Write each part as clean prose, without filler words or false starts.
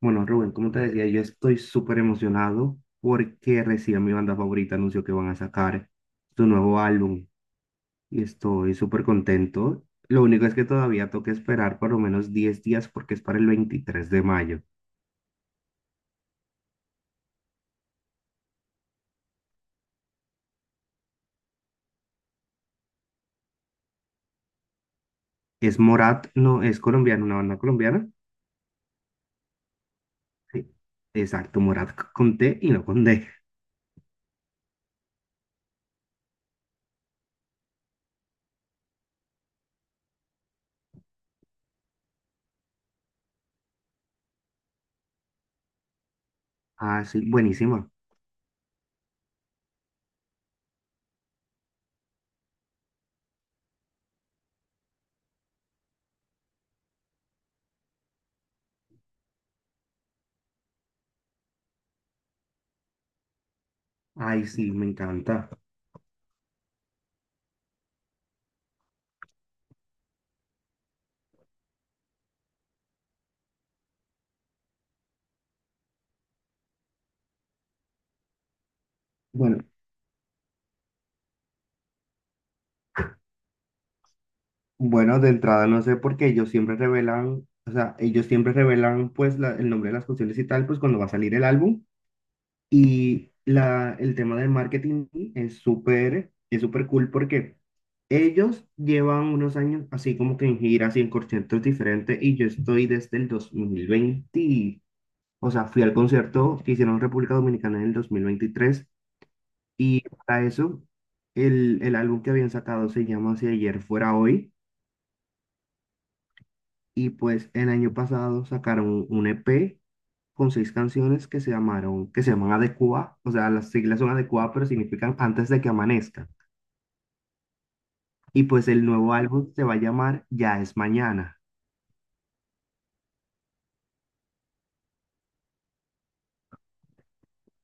Bueno, Rubén, como te decía, yo estoy súper emocionado porque recién mi banda favorita anunció que van a sacar su nuevo álbum y estoy súper contento. Lo único es que todavía toca esperar por lo menos 10 días porque es para el 23 de mayo. Es Morat, no, es colombiano, una banda colombiana. Sí, exacto, Morat con T y no con D. Ah, sí, buenísima. Ay, sí, me encanta. Bueno, Bueno, de entrada no sé por qué ellos siempre revelan, o sea, ellos siempre revelan pues el nombre de las canciones y tal, pues cuando va a salir el álbum. Y el tema del marketing es súper cool porque ellos llevan unos años así como que en giras y en conciertos diferentes y yo estoy desde el 2020, o sea, fui al concierto que hicieron en República Dominicana en el 2023, y para eso el álbum que habían sacado se llama Si ayer fuera hoy. Y pues el año pasado sacaron un EP con seis canciones que se llamaron, que se llaman Adecua, o sea, las siglas son Adecua, pero significan antes de que amanezca. Y pues el nuevo álbum se va a llamar Ya es mañana.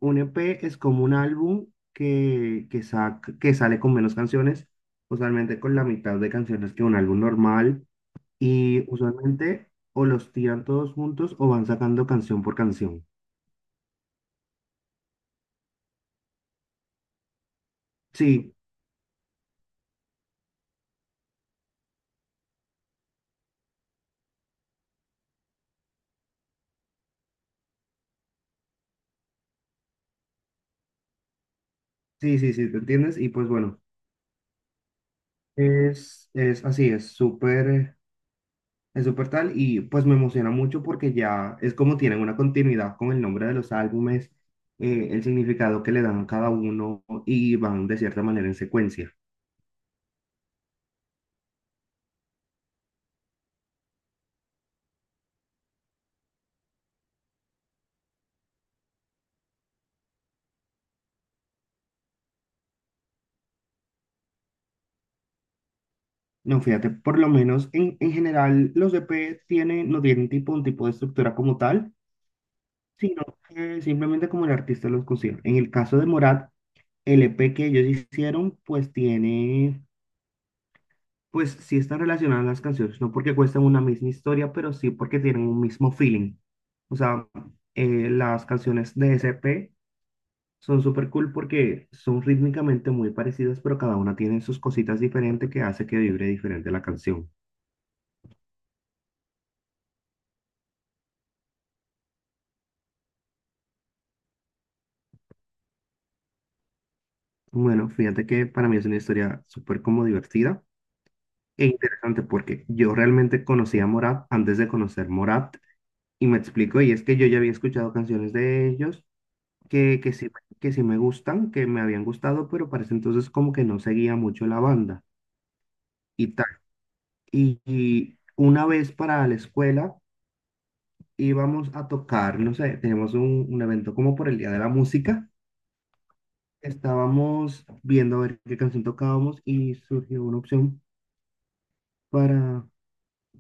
Un EP es como un álbum que sale con menos canciones, usualmente con la mitad de canciones que un álbum normal, y usualmente o los tiran todos juntos o van sacando canción por canción. Sí, sí, sí, sí, ¿te entiendes? Y pues bueno. Es así, es súper tal, y pues me emociona mucho porque ya es como tienen una continuidad con el nombre de los álbumes, el significado que le dan a cada uno y van de cierta manera en secuencia. No, fíjate, por lo menos en general los EP tienen, no tienen tipo, un tipo de estructura como tal, sino que simplemente como el artista los consigue. En el caso de Morat, el EP que ellos hicieron pues tiene... Pues sí están relacionadas las canciones, no porque cuestan una misma historia, pero sí porque tienen un mismo feeling. O sea, las canciones de SP son súper cool porque son rítmicamente muy parecidas, pero cada una tiene sus cositas diferentes que hace que vibre diferente la canción. Bueno, fíjate que para mí es una historia súper como divertida e interesante porque yo realmente conocí a Morat antes de conocer Morat y me explico, y es que yo ya había escuchado canciones de ellos que, que sí, que sí me gustan, que me habían gustado, pero para ese entonces como que no seguía mucho la banda y tal. Y una vez para la escuela íbamos a tocar, no sé, teníamos un evento como por el Día de la Música. Estábamos viendo a ver qué canción tocábamos y surgió una opción para,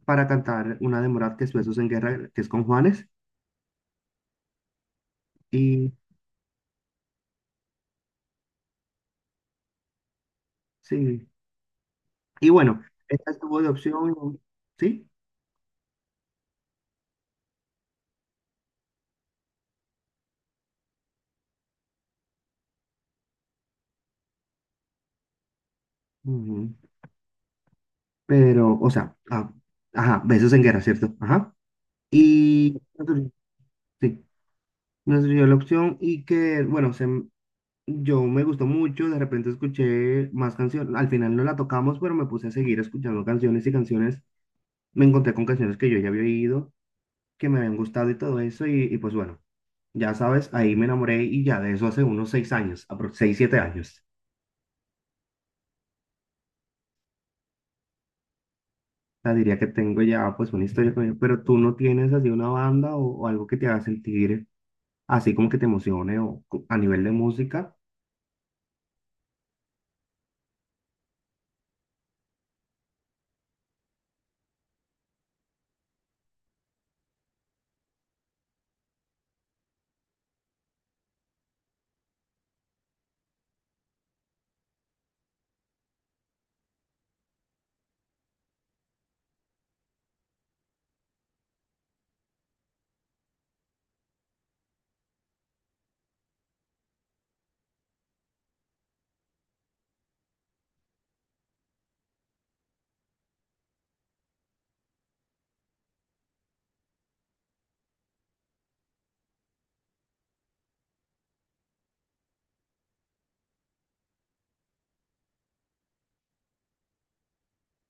para cantar una de Morat, que es Besos en Guerra, que es con Juanes. Y sí, y bueno, esta estuvo de opción, ¿sí? Ujú. Pero, o sea, ah, ajá, besos en guerra, ¿cierto? Ajá. Y sí, nos dio la opción y que, bueno, yo me gustó mucho, de repente escuché más canciones, al final no la tocamos, pero me puse a seguir escuchando canciones y canciones, me encontré con canciones que yo ya había oído, que me habían gustado y todo eso, y pues bueno, ya sabes, ahí me enamoré y ya de eso hace unos 6 años, seis, 7 años. O sea, diría que tengo ya pues una historia con ella, pero tú no tienes así una banda o algo que te haga sentir así como que te emocione o a nivel de música.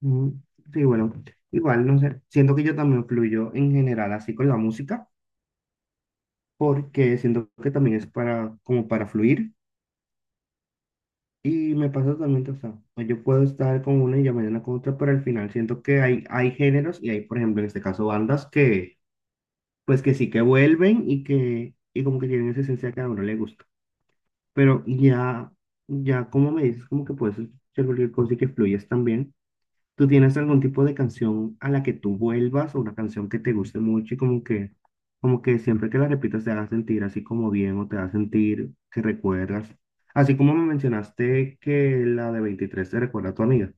mm, Sí, bueno, igual, no sé, siento que yo también fluyo en general así con la música, porque siento que también es para, como para fluir, y me pasa totalmente, o sea, yo puedo estar con una y ya mañana con otra, pero al final siento que hay, géneros y hay, por ejemplo, en este caso, bandas que, pues que sí que vuelven y como que tienen esa esencia que a uno le gusta, pero ya, ya como me dices, como que puedes hacer cualquier cosa y que fluyes también. ¿Tú tienes algún tipo de canción a la que tú vuelvas o una canción que te guste mucho y como que siempre que la repitas te haga sentir así como bien o te haga sentir que recuerdas? Así como me mencionaste que la de 23 te recuerda a tu amiga.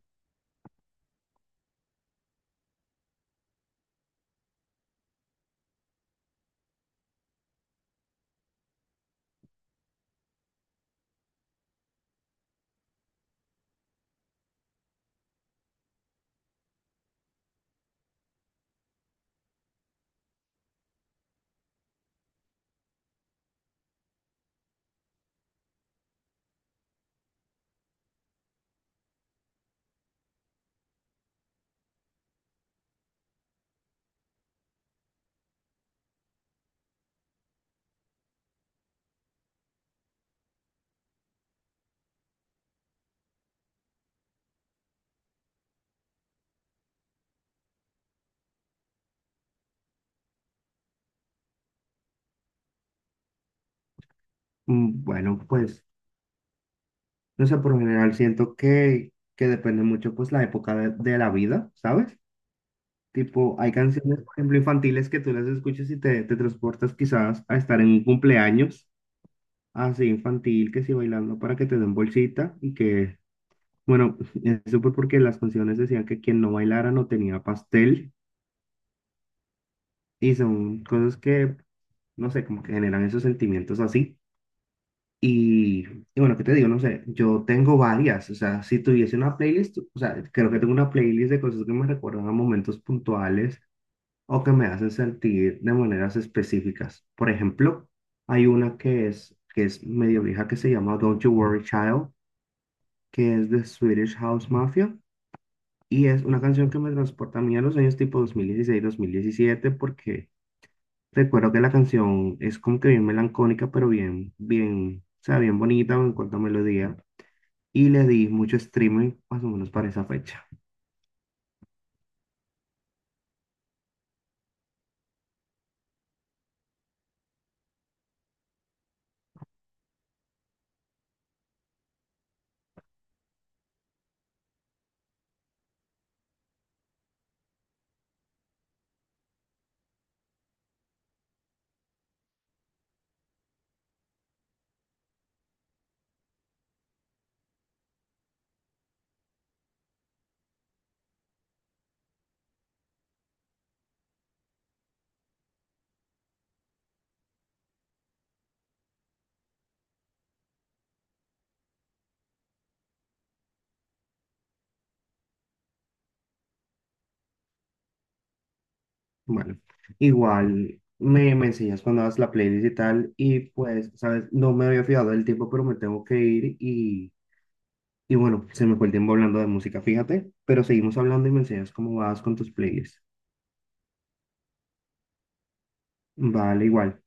Bueno, pues, no sé, por lo general siento que depende mucho pues la época de la vida, ¿sabes? Tipo, hay canciones, por ejemplo, infantiles que tú las escuchas y te transportas quizás a estar en un cumpleaños así infantil, que sí bailando para que te den bolsita y que, bueno, eso fue porque las canciones decían que quien no bailara no tenía pastel y son cosas que, no sé, como que generan esos sentimientos así. Y, y bueno, ¿qué te digo? No sé, yo tengo varias, o sea, si tuviese una playlist, o sea, creo que tengo una playlist de cosas que me recuerdan a momentos puntuales o que me hacen sentir de maneras específicas. Por ejemplo, hay una que es medio vieja que se llama Don't You Worry Child, que es de Swedish House Mafia. Y es una canción que me transporta a mí a los años tipo 2016-2017, porque recuerdo que la canción es como que bien melancólica, pero bien, bien, o sea, bien bonita en cuanto a melodía. Y le di mucho streaming más o menos para esa fecha. Bueno, igual me enseñas cuando hagas la playlist y tal. Y pues, ¿sabes? No me había fijado del tiempo, pero me tengo que ir. Y bueno, se me fue el tiempo hablando de música, fíjate. Pero seguimos hablando y me enseñas cómo vas con tus playlists. Vale, igual.